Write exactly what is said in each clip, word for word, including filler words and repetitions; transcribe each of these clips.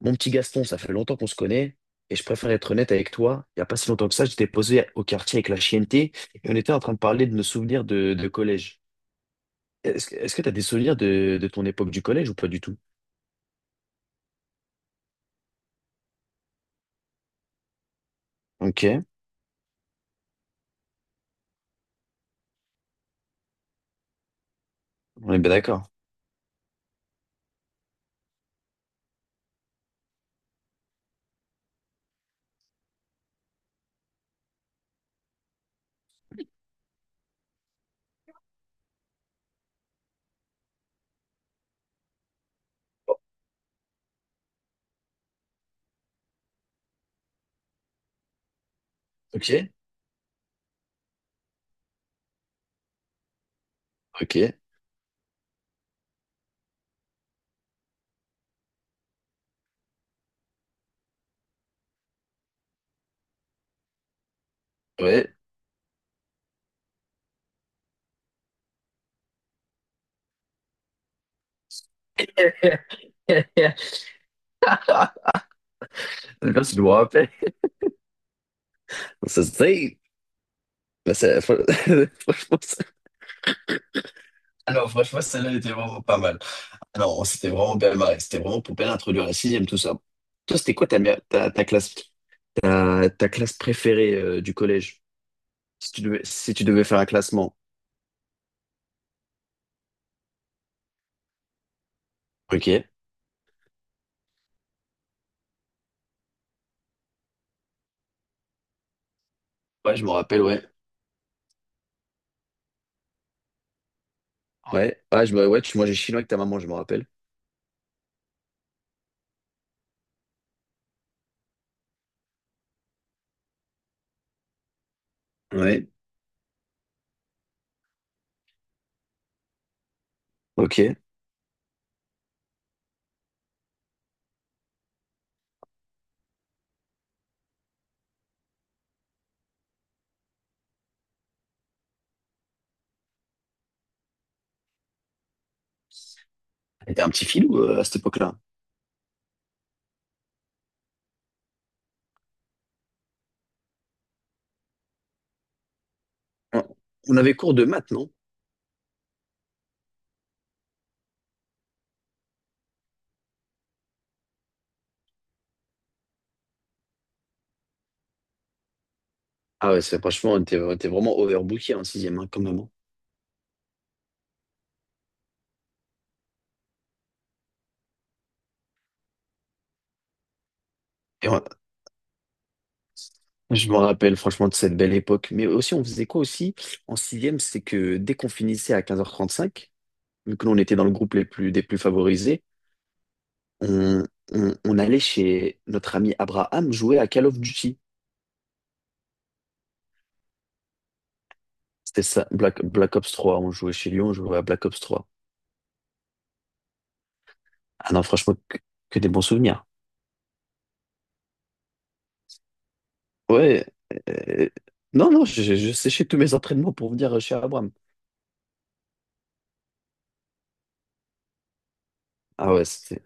Mon petit Gaston, ça fait longtemps qu'on se connaît et je préfère être honnête avec toi. Il n'y a pas si longtemps que ça, j'étais posé au quartier avec la chienneté et on était en train de parler de nos souvenirs de, de collège. Est-ce, que- est-ce que tu as des souvenirs de, de ton époque du collège ou pas du tout? Ok, on est bien d'accord. Ok, ok, ouais. Merci de me rappeler. Ça se dit. Bah, ça- fr- franchement, ça- Alors, franchement, celle-là était vraiment pas mal. Alors, c'était vraiment bien marré. C'était vraiment pour bien introduire la sixième, tout ça. Toi, c'était quoi ta, mère- ta, ta classe? Ta, ta classe préférée euh, du collège, si tu devais, si tu devais faire un classement. Ok. Ouais, je me rappelle, ouais. Ouais, ouais, je me- ouais, tu mangeais chinois avec ta maman, je me rappelle. Ouais. Ok. T'étais un petit filou euh, à cette époque-là. On on avait cours de maths, non? Ah ouais, c'est franchement, on était, on était vraiment overbooké en sixième, hein, quand même. Hein. Et on- Je me rappelle franchement de cette belle époque. Mais aussi, on faisait quoi aussi en sixième, c'est que dès qu'on finissait à quinze heures trente-cinq, vu que l'on était dans le groupe les plus, des plus favorisés, on, on- on allait chez notre ami Abraham jouer à Call of Duty. C'était ça, Black, Black Ops trois. On jouait chez lui, on jouait à Black Ops trois. Ah non, franchement, que, que des bons souvenirs. Ouais. euh, non, non, je, je séchais tous mes entraînements pour venir chez Abraham. Ah ouais, c'était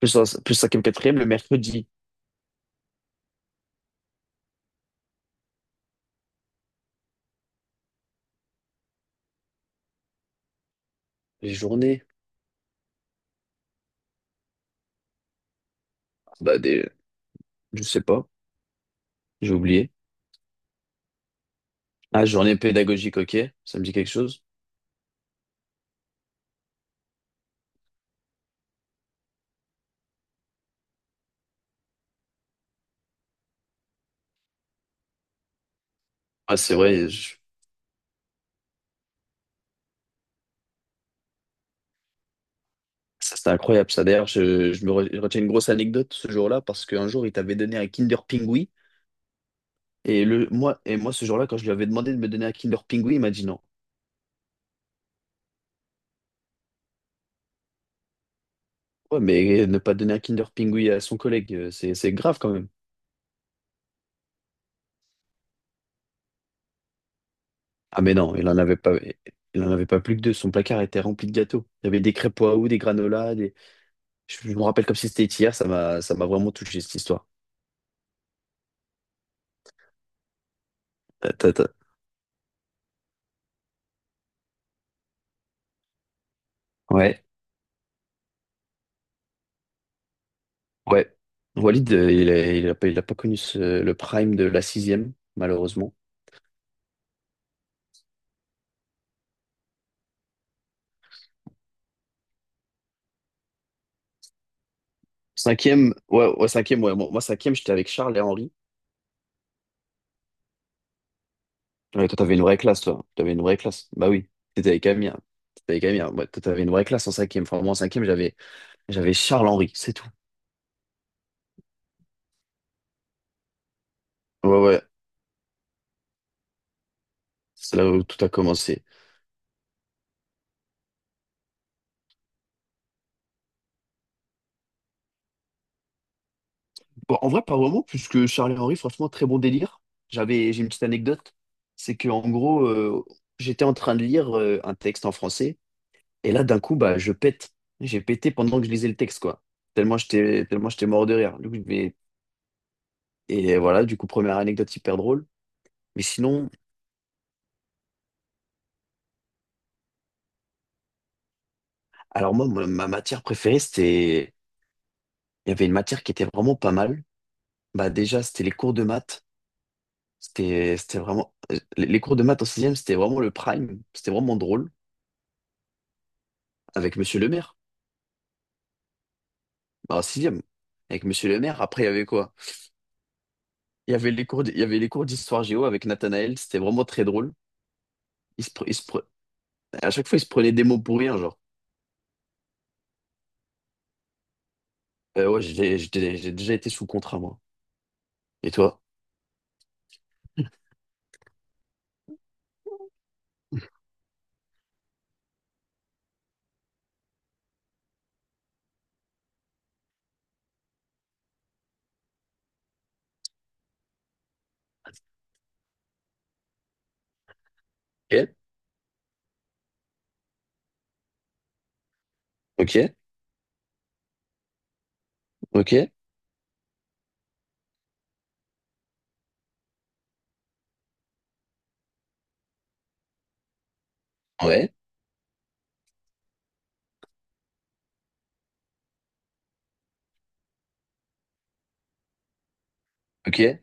plus, en- plus cinquième quatrième le mercredi. Les journées, ah bah des, je sais pas, j'ai oublié. Ah, journée pédagogique, ok, ça me dit quelque chose. Ah, c'est vrai, ça, c'était incroyable, ça. D'ailleurs, je, je me re- je retiens une grosse anecdote ce jour-là parce qu'un jour, il t'avait donné un Kinder Pingui. Et, le, moi, et moi, ce jour-là, quand je lui avais demandé de me donner un Kinder Pingui, il m'a dit non. Ouais, mais ne pas donner un Kinder Pingui à son collègue, euh, c'est, c'est grave quand même. Ah, mais non, il en avait pas, il en avait pas plus que deux. Son placard était rempli de gâteaux. Il y avait des crêpes Oahu, des granolas. Des... Je, je me rappelle comme si c'était hier. Ça m'a, ça m'a vraiment touché, cette histoire. Ta- ta- ta. Ouais, ouais. Walid, euh, il a, il a pas, il a pas connu ce- le prime de la sixième, malheureusement. Cinquième, ouais, ouais, cinquième, ouais. Moi, moi, cinquième, j'étais avec Charles et Henri. Ouais, toi, t'avais une vraie classe, toi. T'avais une vraie classe. Bah oui, t'étais avec Amir. T'étais avec Amir. Ouais, toi, t'avais une vraie classe en cinquième. Enfin, moi, en cinquième, j'avais, j'avais Charles Henri, c'est tout. Ouais, ouais. C'est là où tout a commencé. Bon, en vrai, pas vraiment, puisque Charles et Henri, franchement, très bon délire. J'avais, j'ai une petite anecdote. C'est que, en gros, euh, j'étais en train de lire euh, un texte en français. Et là, d'un coup, bah, je pète. J'ai pété pendant que je lisais le texte, quoi. Tellement j'étais, tellement j'étais mort de rire. Du coup, et voilà, du coup, première anecdote hyper drôle. Mais sinon, alors moi, ma ma matière préférée, c'était... Il y avait une matière qui était vraiment pas mal. Bah déjà, c'était les cours de maths. C'était c'était vraiment... euh, les les cours de maths en sixième, c'était vraiment le prime. C'était vraiment drôle. Avec Monsieur Le Maire. Bah, en sixième. Avec Monsieur Le Maire, après, il y avait quoi? Il y avait les cours, d- il y avait les cours d'histoire géo avec Nathanaël. C'était vraiment très drôle. Il se pre- il se pre- À chaque fois, il se prenait des mots pour rien, genre. Euh, ouais, j'ai j'ai- j'ai déjà été sous contrat, moi. Et toi? Ok, ok, ok, ouais. Ok.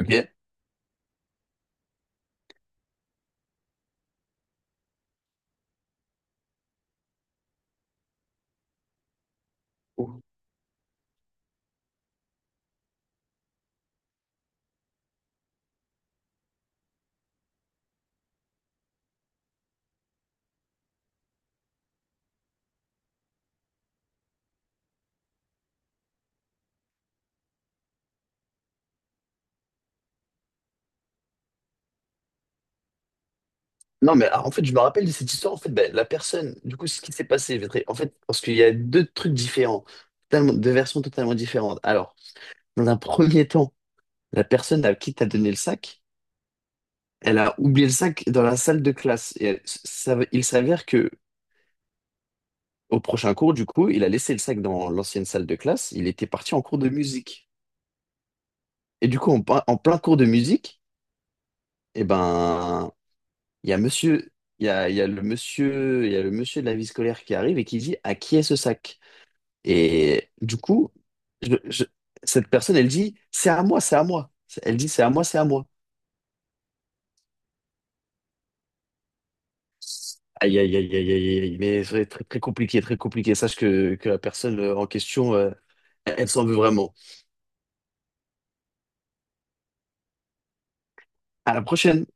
Ok. Et- Non, mais ah, en fait, je me rappelle de cette histoire. En fait, ben, la personne, du coup, ce qui s'est passé, je vais te- en fait, parce qu'il y a deux trucs différents, totalement- deux versions totalement différentes. Alors, dans un premier temps, la personne à qui t'as donné le sac, elle a oublié le sac dans la salle de classe. Et elle- ça- il s'avère que au prochain cours, du coup, il a laissé le sac dans l'ancienne salle de classe. Il était parti en cours de musique. Et du coup, en, plein en plein cours de musique, eh ben, il y a monsieur, il y a, il y a le monsieur, il y a le monsieur de la vie scolaire qui arrive et qui dit à qui est ce sac? Et du coup, je- je- cette personne, elle dit c'est à moi, c'est à moi. Elle dit c'est à moi, c'est à moi. Aïe, aïe, aïe, aïe, aïe, aïe, mais c'est très, très compliqué, très compliqué. Sache que, que la personne euh, en question, euh, elle s'en veut vraiment. À la prochaine.